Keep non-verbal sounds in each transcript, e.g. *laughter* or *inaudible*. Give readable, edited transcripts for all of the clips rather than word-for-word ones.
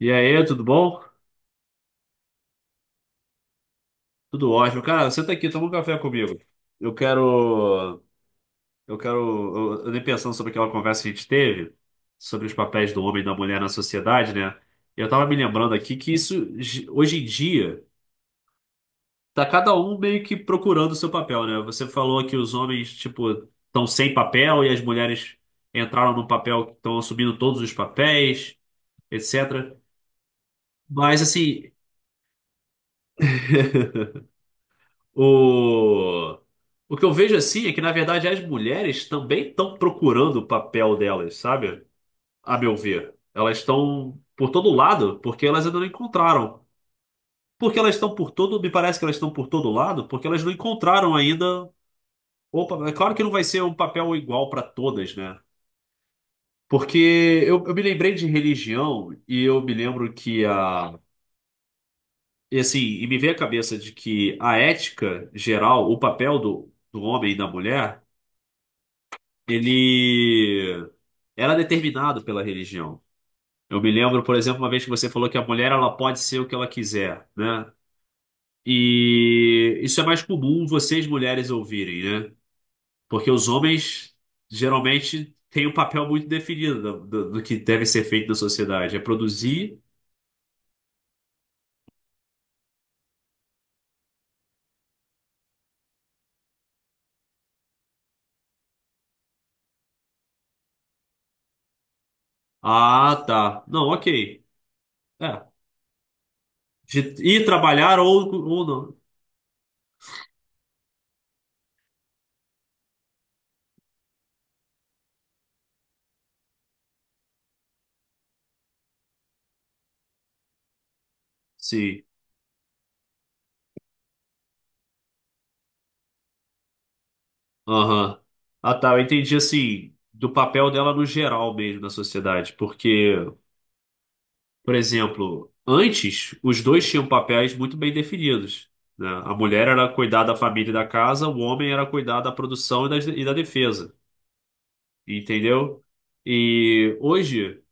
E aí, tudo bom? Tudo ótimo. Cara, senta aqui, toma um café comigo. Eu quero. Eu quero. Eu andei pensando sobre aquela conversa que a gente teve, sobre os papéis do homem e da mulher na sociedade, né? E eu tava me lembrando aqui que isso, hoje em dia, tá cada um meio que procurando o seu papel, né? Você falou que os homens, tipo, estão sem papel e as mulheres entraram num papel que estão assumindo todos os papéis, etc. Mas, assim, O, o que eu vejo assim é que, na verdade, as mulheres também estão procurando o papel delas, sabe? A meu ver. Elas estão por todo lado porque elas ainda não encontraram. Porque elas estão por todo, me parece que elas estão por todo lado porque elas não encontraram ainda. Opa, é claro que não vai ser um papel igual para todas, né? Porque eu me lembrei de religião e eu me lembro que a. E assim, e me veio a cabeça de que a ética geral, o papel do homem e da mulher. Ele era determinado pela religião. Eu me lembro, por exemplo, uma vez que você falou que a mulher ela pode ser o que ela quiser, né? E isso é mais comum vocês mulheres ouvirem, né? Porque os homens geralmente têm um papel muito definido do que deve ser feito na sociedade. É produzir. Ah, tá. Não, ok. É. De ir trabalhar ou não. Sim. Aham. Ah, tá. Eu entendi assim, do papel dela no geral mesmo na sociedade. Porque, por exemplo, antes os dois tinham papéis muito bem definidos. Né? A mulher era cuidar da família e da casa, o homem era cuidar da produção e da defesa. Entendeu? E hoje,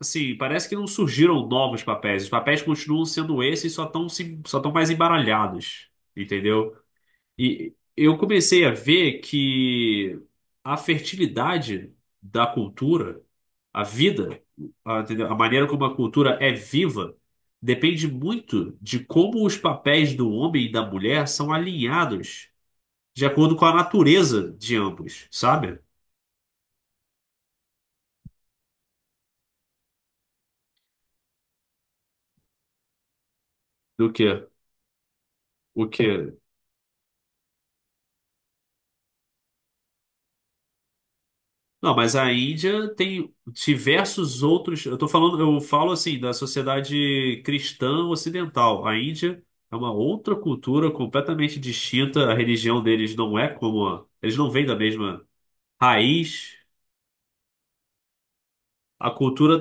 assim, parece que não surgiram novos papéis. Os papéis continuam sendo esses, só estão mais embaralhados. Entendeu? E eu comecei a ver que a fertilidade da cultura, a vida, entendeu? A maneira como a cultura é viva, depende muito de como os papéis do homem e da mulher são alinhados de acordo com a natureza de ambos, sabe? Do que? O que? Não, mas a Índia tem diversos outros. Eu tô falando, eu falo assim da sociedade cristã ocidental. A Índia é uma outra cultura completamente distinta. A religião deles não é como eles não vêm da mesma raiz. A cultura.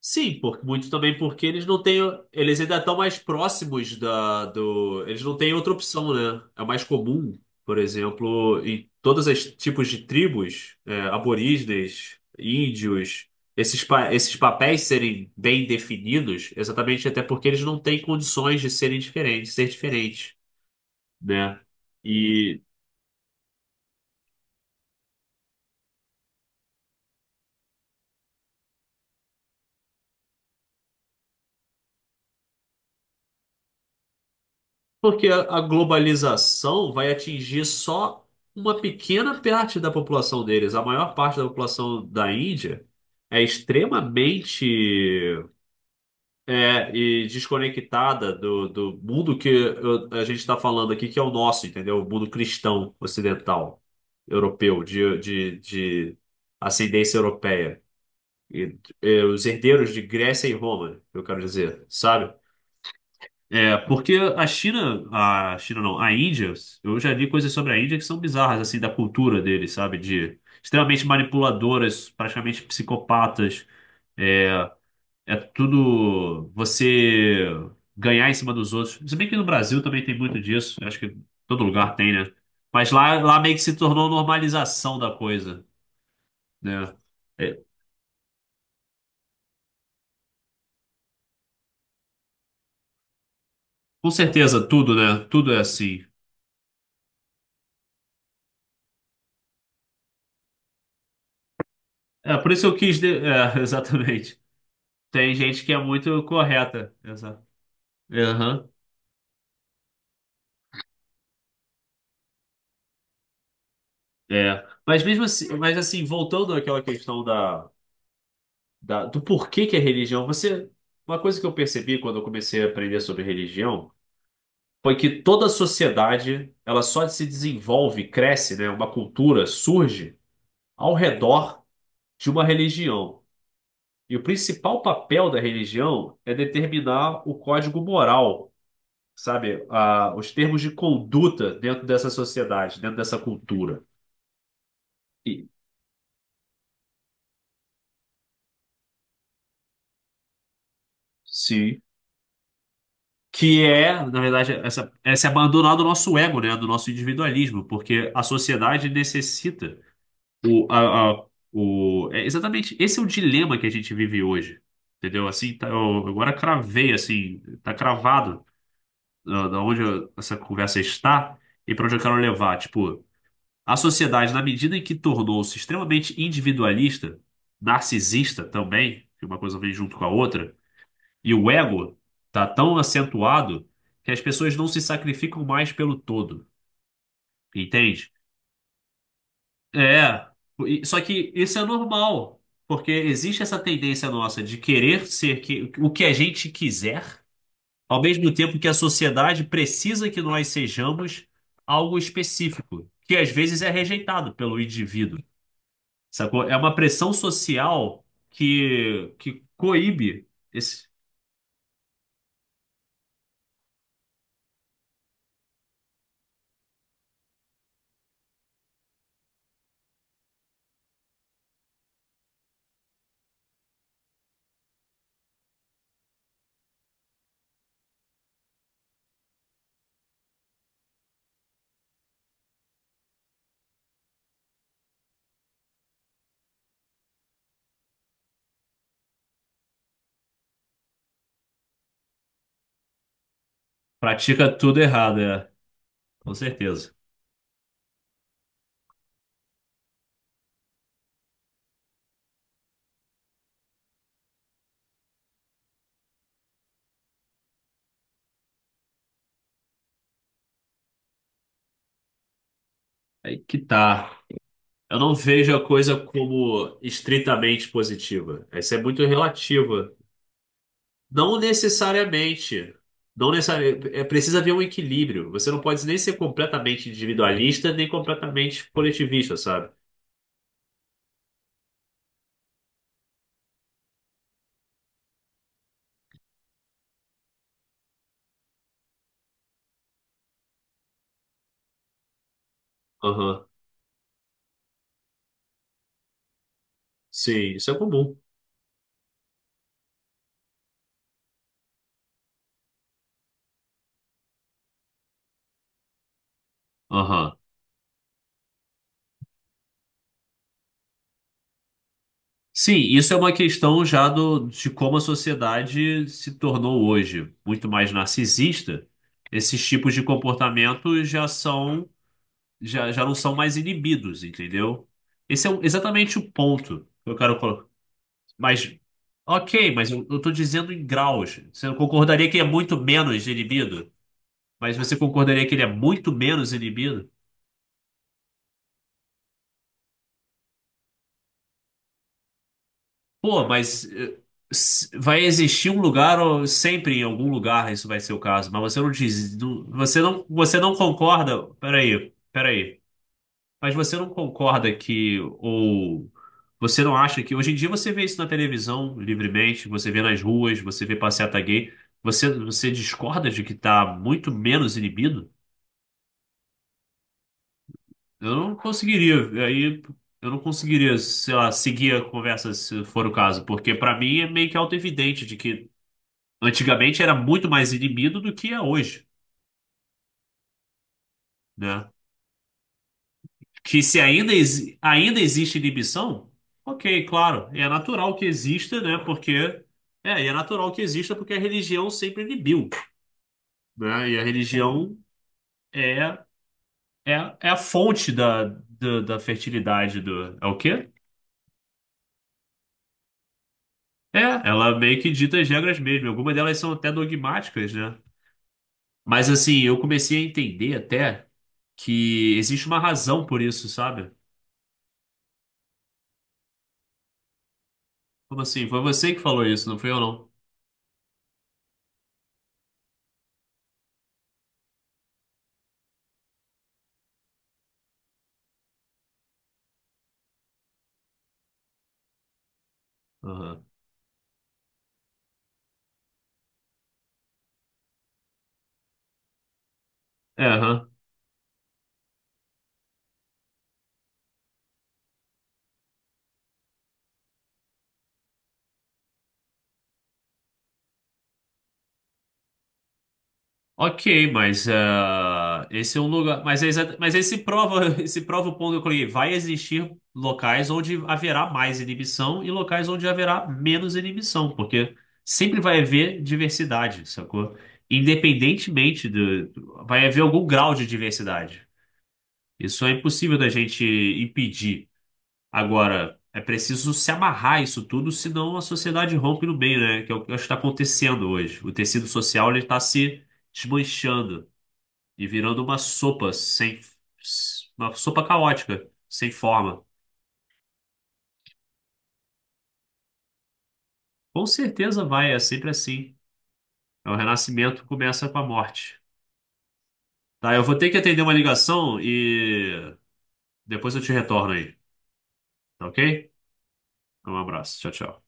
Sim, por, muito também porque eles não têm. Eles ainda estão mais próximos da, do. Eles não têm outra opção, né? É mais comum, por exemplo, em todos os tipos de tribos, é, aborígenes, índios, esses, esses papéis serem bem definidos, exatamente até porque eles não têm condições de serem diferentes, ser diferentes, né? Porque a globalização vai atingir só uma pequena parte da população deles. A maior parte da população da Índia é extremamente, é, e desconectada do mundo que a gente está falando aqui, que é o nosso, entendeu? O mundo cristão ocidental, europeu, de ascendência europeia. E, os herdeiros de Grécia e Roma, eu quero dizer, sabe? É, porque a China não, a Índia, eu já li coisas sobre a Índia que são bizarras, assim, da cultura deles, sabe? De extremamente manipuladoras, praticamente psicopatas. É, é tudo você ganhar em cima dos outros. Se bem que no Brasil também tem muito disso, eu acho que todo lugar tem, né? Mas lá meio que se tornou normalização da coisa, né? É, com certeza, tudo, né? Tudo é assim. É, por isso eu quis. De- É, *laughs* exatamente. Tem gente que é muito correta. Exato. Aham, é. Mas mesmo assim, mas assim, voltando àquela questão do porquê que é religião, você, uma coisa que eu percebi quando eu comecei a aprender sobre religião foi que toda sociedade, ela só se desenvolve, cresce, né? Uma cultura surge ao redor de uma religião. E o principal papel da religião é determinar o código moral, sabe? Ah, os termos de conduta dentro dessa sociedade, dentro dessa cultura. E, sim. Que é, na verdade, essa, é se abandonar do nosso ego, né? Do nosso individualismo, porque a sociedade necessita o, a- o, é exatamente, esse é o dilema que a gente vive hoje, entendeu? Assim, tá, eu agora cravei, assim, tá cravado da onde essa conversa está e para onde eu quero levar, tipo, a sociedade, na medida em que tornou-se extremamente individualista, narcisista também, que uma coisa vem junto com a outra, e o ego tá tão acentuado que as pessoas não se sacrificam mais pelo todo, entende? É, só que isso é normal, porque existe essa tendência nossa de querer ser o que a gente quiser, ao mesmo tempo que a sociedade precisa que nós sejamos algo específico, que às vezes é rejeitado pelo indivíduo, sacou? É uma pressão social que coíbe esse... Pratica tudo errado, é, com certeza. Aí que tá. Eu não vejo a coisa como estritamente positiva. Essa é muito relativa. Não necessariamente. Não necessariamente. É, precisa haver um equilíbrio. Você não pode nem ser completamente individualista, nem completamente coletivista, sabe? Aham. Sim, isso é comum. Aham. Sim, isso é uma questão já do, de como a sociedade se tornou hoje muito mais narcisista. Esses tipos de comportamento já são já não são mais inibidos, entendeu? Esse é exatamente o ponto que eu quero colocar. Mas, ok, mas eu tô dizendo em graus. Você não concordaria que ele é muito menos inibido? Mas você concordaria que ele é muito menos inibido? Pô, mas vai existir um lugar, ou sempre em algum lugar isso vai ser o caso, mas você não diz, você não concorda. Peraí, peraí. Mas você não concorda que, ou você não acha que, hoje em dia você vê isso na televisão livremente, você vê nas ruas, você vê passeata gay, você, você discorda de que tá muito menos inibido? Eu não conseguiria, aí eu não conseguiria, sei lá, seguir a conversa se for o caso, porque pra mim é meio que auto-evidente de que antigamente era muito mais inibido do que é hoje, né? Que se ainda, ainda existe inibição, ok, claro, é natural que exista, né? Porque é, e é natural que exista porque a religião sempre inibiu, né? E a religião é, é, é a fonte da fertilidade do, é o quê? É, ela meio que dita as regras mesmo. Algumas delas são até dogmáticas, né? Mas assim, eu comecei a entender até que existe uma razão por isso, sabe? Como assim? Foi você que falou isso, não foi eu não? Aham. É, aham. Ok, mas ah, esse é um lugar. Mas, mas esse prova, *laughs* esse prova o ponto que eu coloquei. Vai existir locais onde haverá mais inibição e locais onde haverá menos inibição, porque sempre vai haver diversidade, sacou? Independentemente do. Vai haver algum grau de diversidade. Isso é impossível da gente impedir. Agora, é preciso se amarrar isso tudo, senão a sociedade rompe no meio, né? Que é o que está acontecendo hoje. O tecido social ele está se desmanchando e virando uma sopa sem, uma sopa caótica, sem forma. Com certeza vai, é sempre assim. É. O renascimento começa com a morte. Tá, eu vou ter que atender uma ligação e depois eu te retorno aí, tá ok? Um abraço, tchau, tchau.